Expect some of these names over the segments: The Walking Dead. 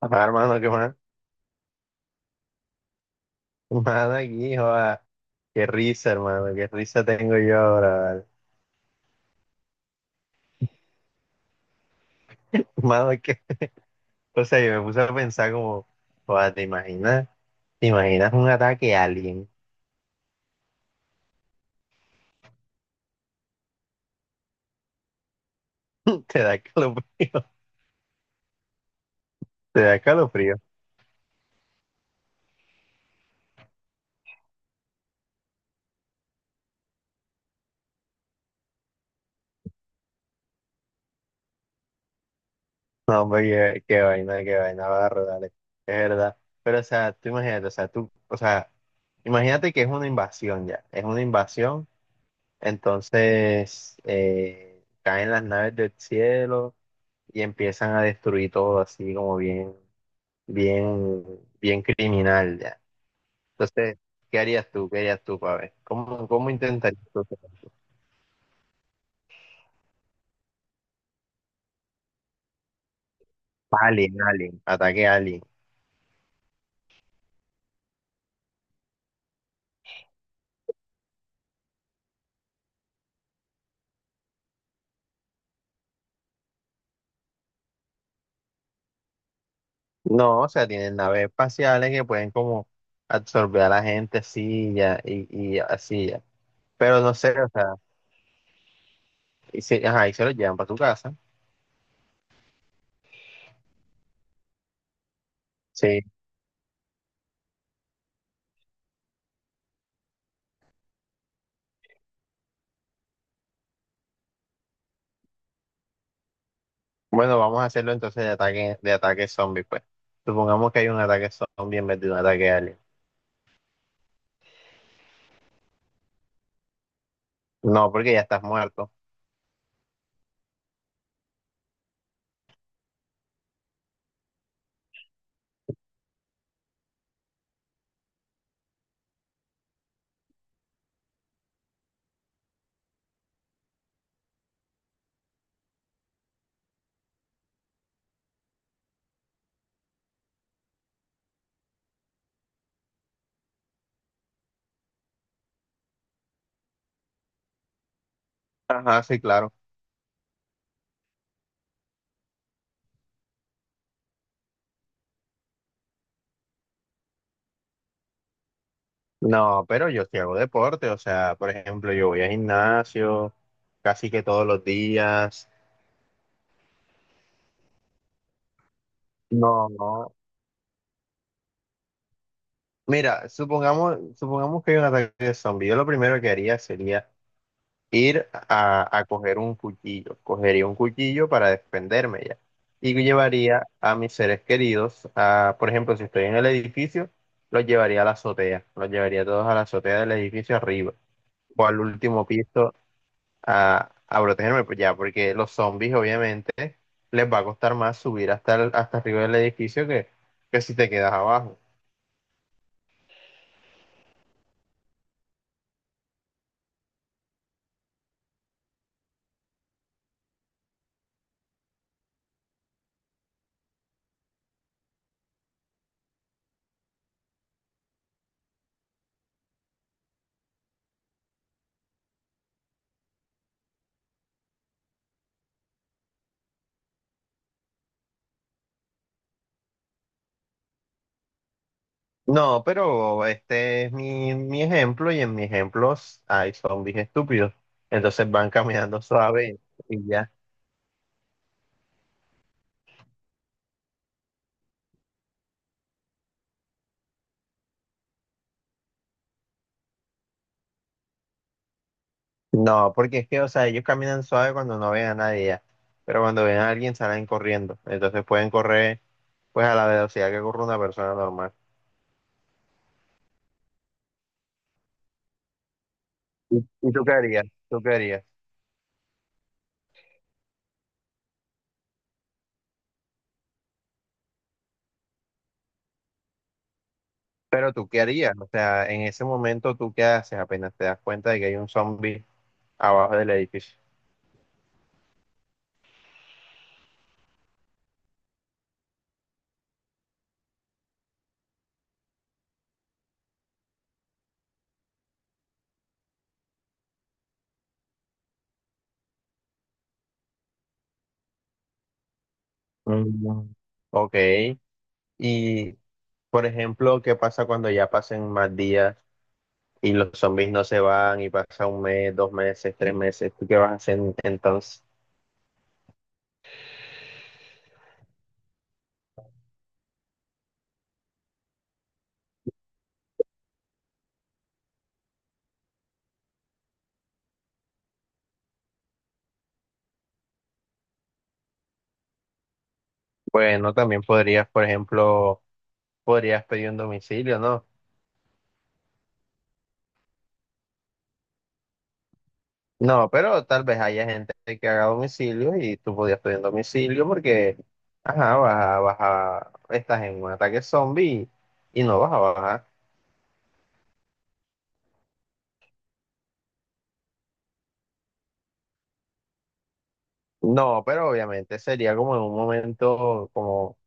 Papá, hermano, qué más. Mano aquí, joda. Qué risa, hermano. Qué risa tengo yo ahora, ¿vale? Mano, es que, o sea, yo me puse a pensar como, joda, ¿te imaginas? ¿Te imaginas un ataque alien? Te da calofrío. Te da calofrío. No, hombre, qué vaina, qué vaina, barro, dale. Es verdad. Pero, o sea, tú imagínate, o sea, tú, o sea, imagínate que es una invasión ya. Es una invasión. Entonces, caen las naves del cielo y empiezan a destruir todo así como bien. Bien, bien criminal ya. Entonces, ¿qué harías tú? ¿Qué harías tú, ver? ¿Cómo intentarías tú? Alien, alien, ataque alien. No, o sea, tienen naves espaciales que pueden como absorber a la gente así ya, y así ya. Pero no sé, o sea, y se, ajá, y se los llevan para tu casa. Sí. Bueno, vamos a hacerlo entonces de ataque zombie, pues. Supongamos que hay un ataque zombie en vez de un ataque alien. No, porque ya estás muerto. Ajá, sí, claro. No, pero yo sí hago deporte, o sea, por ejemplo, yo voy al gimnasio casi que todos los días. No, no. Mira, supongamos, supongamos que hay un ataque de zombie. Yo lo primero que haría sería ir a coger un cuchillo. Cogería un cuchillo para defenderme ya. Y llevaría a mis seres queridos a, por ejemplo, si estoy en el edificio, los llevaría a la azotea. Los llevaría todos a la azotea del edificio arriba o al último piso a protegerme, pues ya, porque los zombies obviamente les va a costar más subir hasta, el- hasta arriba del edificio que si te quedas abajo. No, pero este es mi, mi ejemplo y en mis ejemplos hay zombies estúpidos. Entonces van caminando suave y ya. No, porque es que, o sea, ellos caminan suave cuando no ven a nadie ya. Pero cuando ven a alguien salen corriendo. Entonces pueden correr pues a la velocidad que corre una persona normal. ¿Y tú qué harías? ¿Tú qué harías? Pero tú qué harías, o sea, en ese momento tú qué haces apenas te das cuenta de que hay un zombie abajo del edificio. Mm. Ok, y por ejemplo, ¿qué pasa cuando ya pasen más días y los zombies no se van y pasa un mes, dos meses, tres meses? ¿Tú qué vas a hacer entonces? Bueno, también podrías, por ejemplo, podrías pedir un domicilio, ¿no? No, pero tal vez haya gente que haga domicilio y tú podías pedir domicilio porque, ajá, vas a, vas a- estás en un ataque zombie y no vas a bajar. No, pero obviamente sería como en un momento como,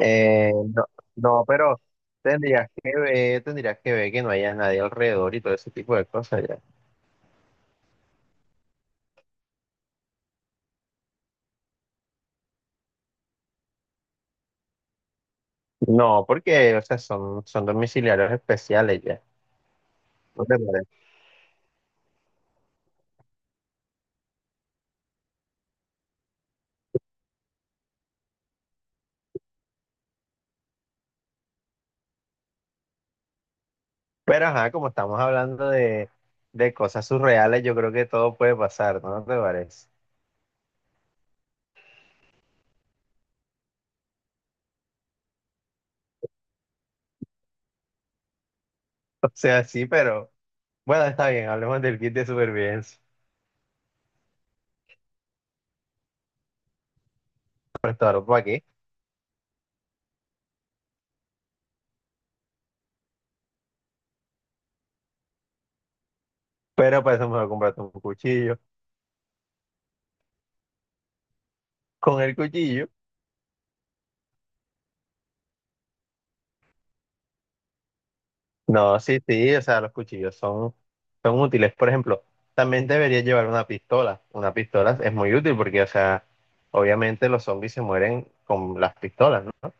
no, no, pero tendrías que ver que no haya nadie alrededor y todo ese tipo de cosas ya. No, porque, o sea, son, son domiciliarios especiales ya. Pero ajá, como estamos hablando de cosas surreales, yo creo que todo puede pasar, ¿no te parece? O sea, sí, pero bueno, está bien, hablemos del kit de supervivencia. Prestador por aquí, pero para eso mejor comprarte un cuchillo. Con el cuchillo, no, sí, sí, o sea, los cuchillos son, son útiles. Por ejemplo, también deberías llevar una pistola. Una pistola es muy útil porque, o sea, obviamente los zombies se mueren con las pistolas, ¿no?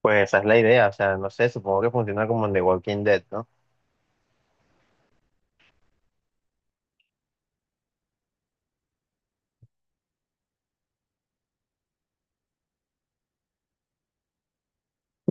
Pues esa es la idea, o sea, no sé, supongo que funciona como en The Walking Dead, ¿no?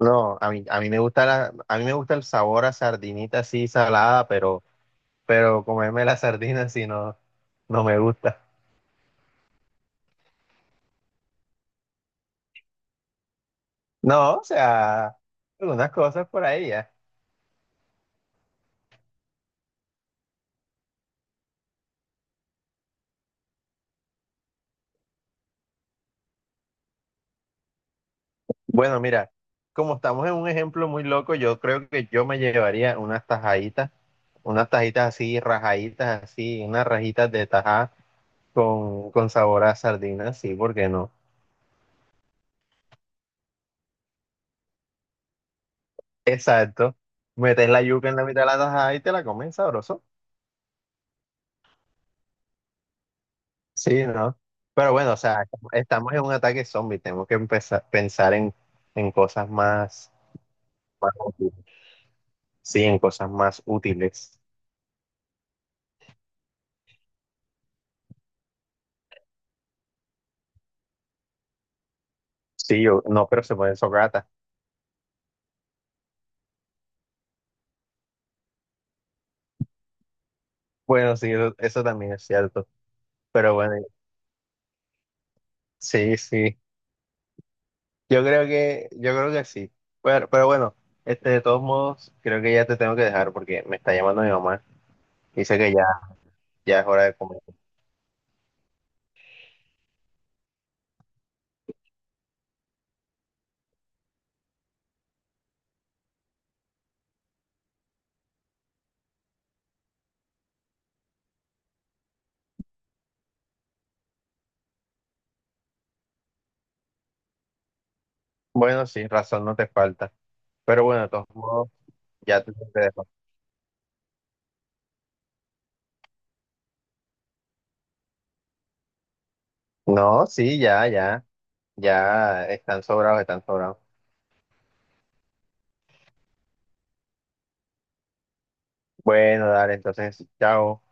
No, a mí me gusta la, a mí me gusta el sabor a sardinita así salada, pero comerme la sardina así no, no me gusta. No, o sea, algunas cosas por ahí ya. Bueno, mira, como estamos en un ejemplo muy loco, yo creo que yo me llevaría unas tajaditas, unas tajitas así, rajaditas así, unas rajitas de tajá con sabor a sardina, sí, ¿por qué no? Exacto. Metes la yuca en la mitad de la tajada y te la comes sabroso. Sí, ¿no? Pero bueno, o sea, estamos en un ataque zombie, tenemos que empezar pensar en cosas más, más útiles. Sí, en cosas más útiles. Sí, yo, no, pero se pueden socratas. Bueno, sí, eso también es cierto. Pero bueno, sí, sí. Yo creo que sí. Pero bueno, este, de todos modos, creo que ya te tengo que dejar porque me está llamando mi mamá. Dice que ya, ya es hora de comer. Bueno, sí, razón no te falta. Pero bueno, de todos modos, ya te tengo que dejar. No, sí, ya, ya. Ya están sobrados, están sobrados. Bueno, dale, entonces, chao.